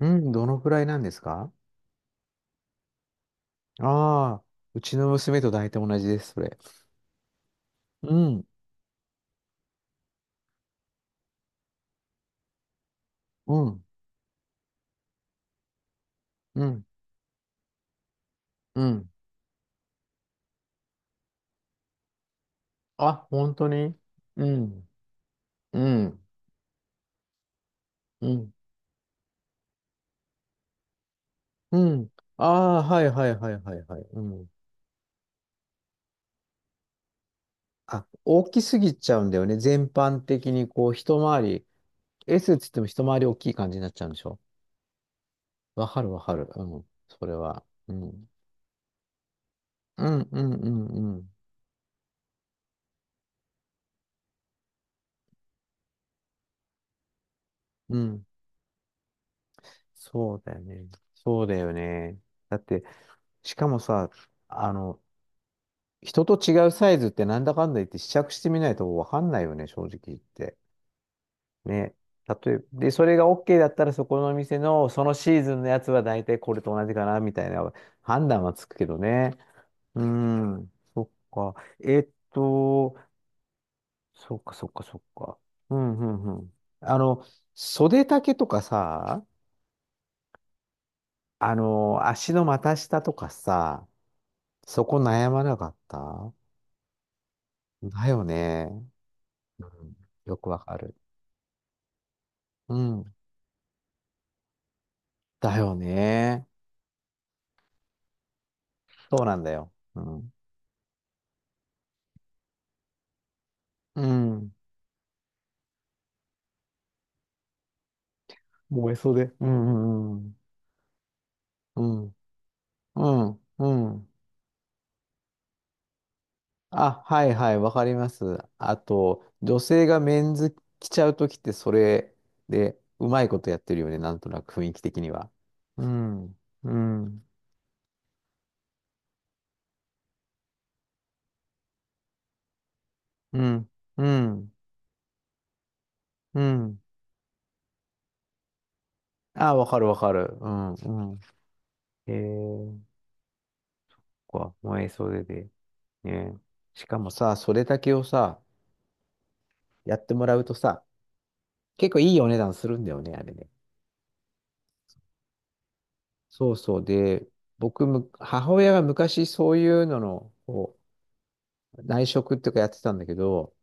うん、どのくらいなんですか？ああー、うちの娘と大体同じです、それ。うん、うん、うん、うん。あ、本当に？うん、うん、うん、うん。ああ、はいはいはいはいはい。うん。あ、大きすぎちゃうんだよね。全般的にこう、一回り、S っつっても一回り大きい感じになっちゃうんでしょ？わかるわかる。うん、それは。うん、うん、うん、うん、うん。うん、そうだよね。そうだよね。だって、しかもさ、あの、人と違うサイズってなんだかんだ言って試着してみないとわかんないよね、正直言って。ね。例えば、で、それが OK だったらそこのお店のそのシーズンのやつは大体これと同じかな、みたいな判断はつくけどね。うーん。そっか。そっかそっかそっか。うんうんうん。あの、袖丈とかさ、足の股下とかさ、そこ悩まなかっただよね。うんよくわかる。うん。だよね。そうなんだよ。うん。うん。燃えそうで。うんうんうん。うん。うん。うん。あ、はいはい、わかります。あと、女性がメンズ着ちゃうときってそれでうまいことやってるよね。なんとなく雰囲気的には。うん。うん。うん。うん。うん。あ、わかるわかる。うん。うん。えー、こう燃えそうでで。ね。しかもさ、それだけをさ、やってもらうとさ、結構いいお値段するんだよね、あれね。そうそう。で、僕む、母親が昔そういうのの、内職っていうかやってたんだけど、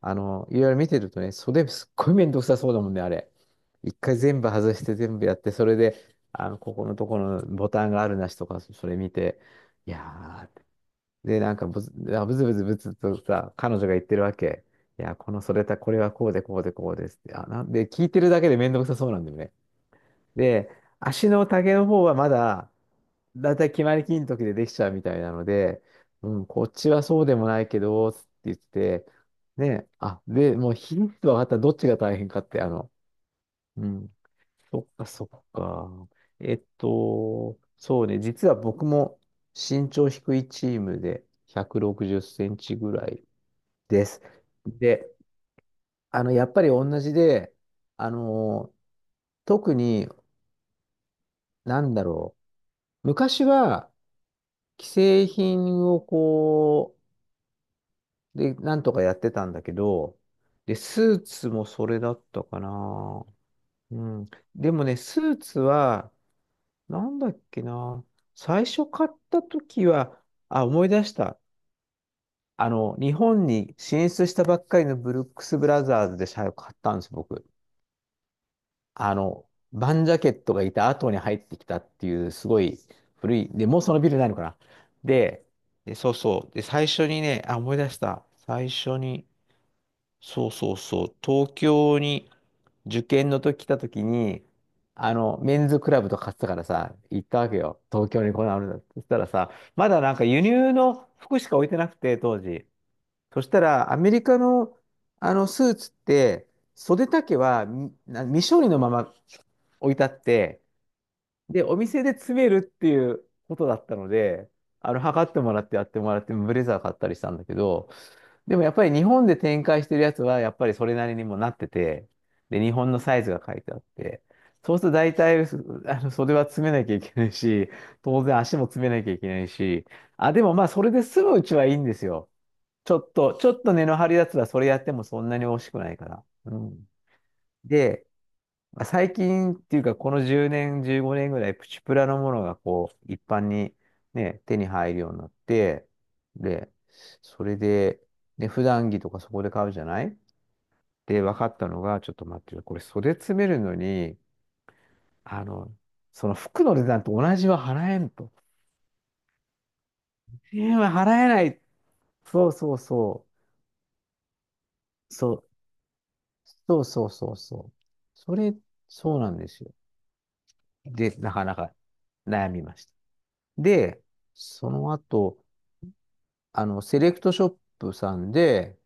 いろいろ見てるとね、袖すっごい面倒くさそうだもんね、あれ。一回全部外して全部やって、それで、ここのところのボタンがあるなしとか、それ見て、いやー、で、なんかブズ、あブツブツブツとさ、彼女が言ってるわけ。いや、この袖た、これはこうでこうでこうですって。あ、なんで、聞いてるだけで面倒くさそうなんだよね。で、足の丈の方はまだ、だいたい決まりきりの時でできちゃうみたいなので、うん、こっちはそうでもないけど、つって言って、ね、あ、で、もう日に分かったらどっちが大変かって、うん、そっかそっか。そうね、実は僕も身長低いチームで160センチぐらいです。で、やっぱり同じで、あの、特に、なんだろう。昔は、既製品をで、なんとかやってたんだけど、で、スーツもそれだったかな。うん。でもね、スーツは、なんだっけな。最初買った時は、あ、思い出した。日本に進出したばっかりのブルックス・ブラザーズで最後買ったんです、僕。バンジャケットがいた後に入ってきたっていう、すごい古い、で、もうそのビルないのかな。で、で、そうそう。で、最初にね、あ、思い出した。最初に、そうそうそう、東京に受験の時来た時に、メンズクラブとか買ってたからさ、行ったわけよ。東京にこんなのあるんだって。そしたらさ、まだなんか輸入の服しか置いてなくて、当時。そしたら、アメリカの、あのスーツって、袖丈はみな未処理のまま置いてあって、で、お店で詰めるっていうことだったので、測ってもらってやってもらって、ブレザー買ったりしたんだけど、でもやっぱり日本で展開してるやつは、やっぱりそれなりにもなってて、で、日本のサイズが書いてあって、そうすると大体、すあの、袖は詰めなきゃいけないし、当然足も詰めなきゃいけないし、あ、でもまあ、それで済むうちはいいんですよ。ちょっと根の張るやつはそれやってもそんなに惜しくないから。うん。で、まあ最近っていうか、この10年、15年ぐらい、プチプラのものが一般にね、手に入るようになって、で、それで、普段着とかそこで買うじゃないで、分かったのが、ちょっと待ってよ、これ袖詰めるのに、あの、その服の値段と同じは払えんと。1 0は払えない。そうそうそう。そう、そうそうそうそう。それ、そうなんですよ。で、なかなか悩みました。で、その後、セレクトショップさんで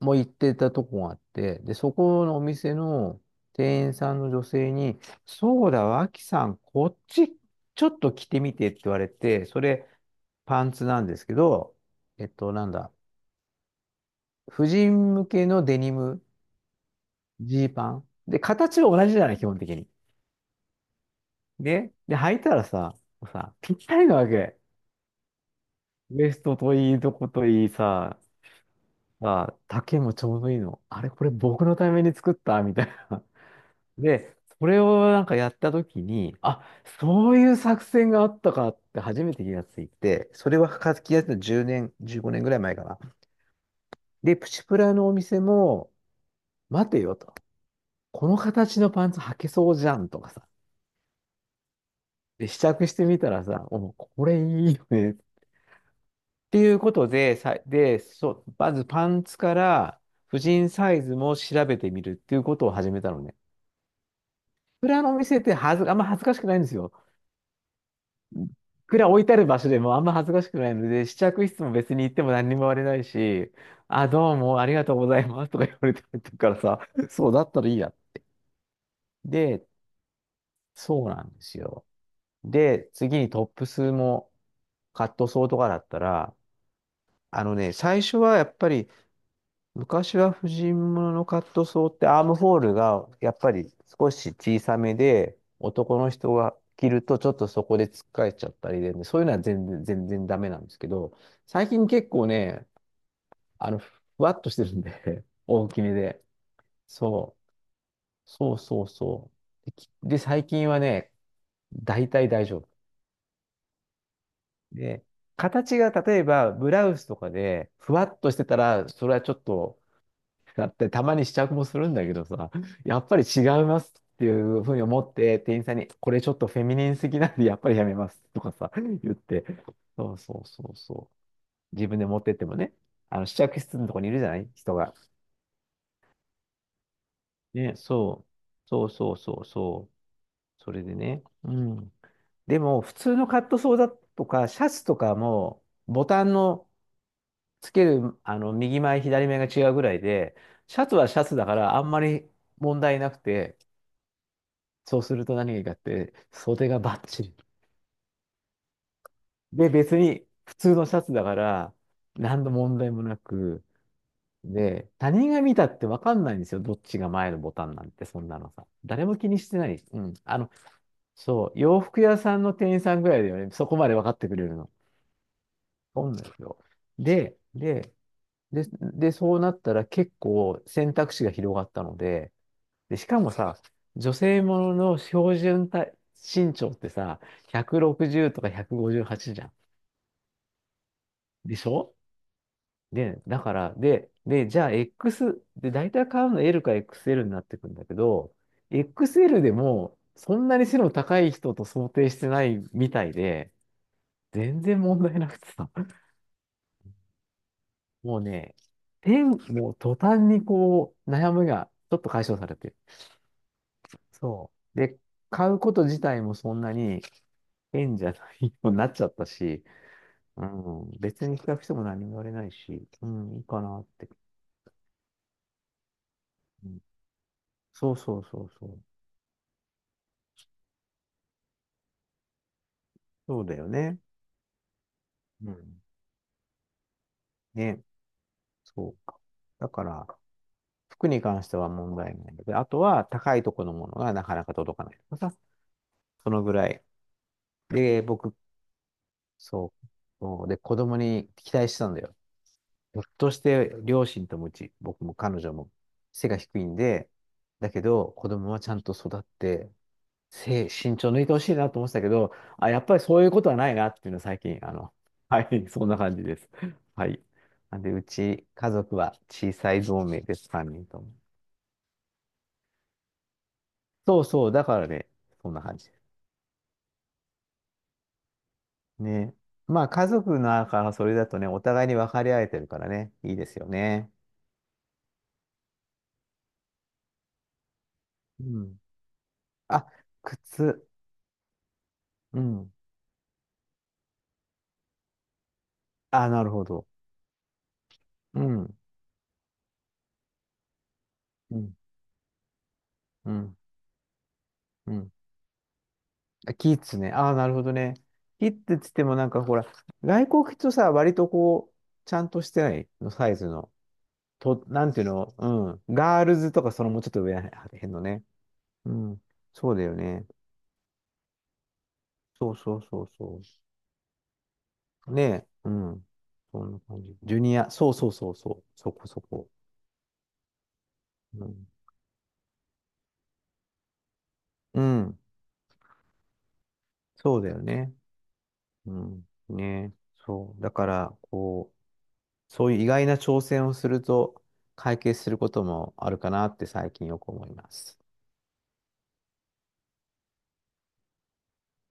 もう行ってたとこがあって、で、そこのお店の店員さんの女性に、そうだ、脇さん、こっちちょっと着てみてって言われて、それ、パンツなんですけど、なんだ、婦人向けのデニム、ジーパン。で、形は同じじゃない、基本的に。で、履いたらさ、ぴったりなわけ。ウエストといいとこといいさ、あ、丈もちょうどいいの。あれ、これ僕のために作ったみたいな。で、それをなんかやった時に、あ、そういう作戦があったかって初めて気がついて、それは書き出した10年、15年ぐらい前かな。で、プチプラのお店も、待てよと。この形のパンツ履けそうじゃんとかさ。で、試着してみたらさ、お、これいいよね。っていうことで、さ、で、そう、まずパンツから、婦人サイズも調べてみるっていうことを始めたのね。蔵のお店ってはず、あんま恥ずかしくないんですよ。蔵置いてある場所でもあんま恥ずかしくないので、試着室も別に行っても何にも言われないし、あ、どうもありがとうございますとか言われてるからさ、そうだったらいいや。で、そうなんですよ。で、次にトップスもカットソーとかだったら、最初はやっぱり昔は婦人物のカットソーってアームホールがやっぱり少し小さめで男の人が着るとちょっとそこでつっかえちゃったりで、そういうのは全然、全然ダメなんですけど、最近結構ね、ふわっとしてるんで 大きめで。そう、そうそうそう。で、最近はね、大体大丈夫。で、形が例えばブラウスとかでふわっとしてたら、それはちょっとだってたまに試着もするんだけどさ、やっぱり違いますっていうふうに思って、店員さんに、これちょっとフェミニンすぎなんで、やっぱりやめますとかさ、言って。そうそうそうそう。自分で持ってってもね、あの試着室のとこにいるじゃない人が。ね、そう。そうそうそうそう。それでね。うん。でも、普通のカットソーだとか、シャツとかも、ボタンのつける、右前、左前が違うぐらいで、シャツはシャツだから、あんまり問題なくて、そうすると何がいいかって、袖がバッチリ。で、別に普通のシャツだから、何の問題もなく、で、他人が見たって分かんないんですよ。どっちが前のボタンなんて、そんなのさ。誰も気にしてない。うん。そう、洋服屋さんの店員さんぐらいだよね。そこまで分かってくれるの。そうなんですよ。で、で、で、そうなったら結構選択肢が広がったので、で、しかもさ、女性ものの標準体身長ってさ、160とか158じゅうはちじゃん。でしょ？で、だから、で、じゃあ で、大体買うの L か XL になってくんだけど、XL でも、そんなに背の高い人と想定してないみたいで、全然問題なくてさ、もうね、もう途端に悩みがちょっと解消されてる。そう。で、買うこと自体もそんなに変じゃないようになっちゃったし、うん、別に比較しても何も言われないし、うん、いいかなって。うん、そうそうそうそう。そうだよね。うん。ね、そうか。だから、服に関しては問題ないので、あとは高いとこのものがなかなか届かないとかさ、そのぐらい。で、僕、そう、そうで、子供に期待してたんだよ。ひょっとして両親ともうち、僕も彼女も背が低いんで、だけど子供はちゃんと育って、慎重抜いてほしいなと思ってたけど、あ、やっぱりそういうことはないなっていうのは最近、はい、そんな感じです。はい。なんで、家族は小さい同盟です、3人とも。そうそう、だからね、そんな感じ。ね。まあ、家族の中らそれだとね、お互いに分かり合えてるからね、いいですよね。うん。あ、靴。うん。あ、なるほど。うん。うん。うん。うん。あキッズね。ああ、なるほどね。キッズっつってもなんかほら、外国人とさ、割とちゃんとしてないのサイズの。と、なんていうの、うん。ガールズとかそのもうちょっと上らへんのね。うん。そうだよね。そうそうそうそう。ねえ。うん。そんな感じ。ジュニア。そうそうそうそう。そこそこ。うん。うん。そうだよね。うん。ねえ。そう。だから、そういう意外な挑戦をすると解決することもあるかなって最近よく思います。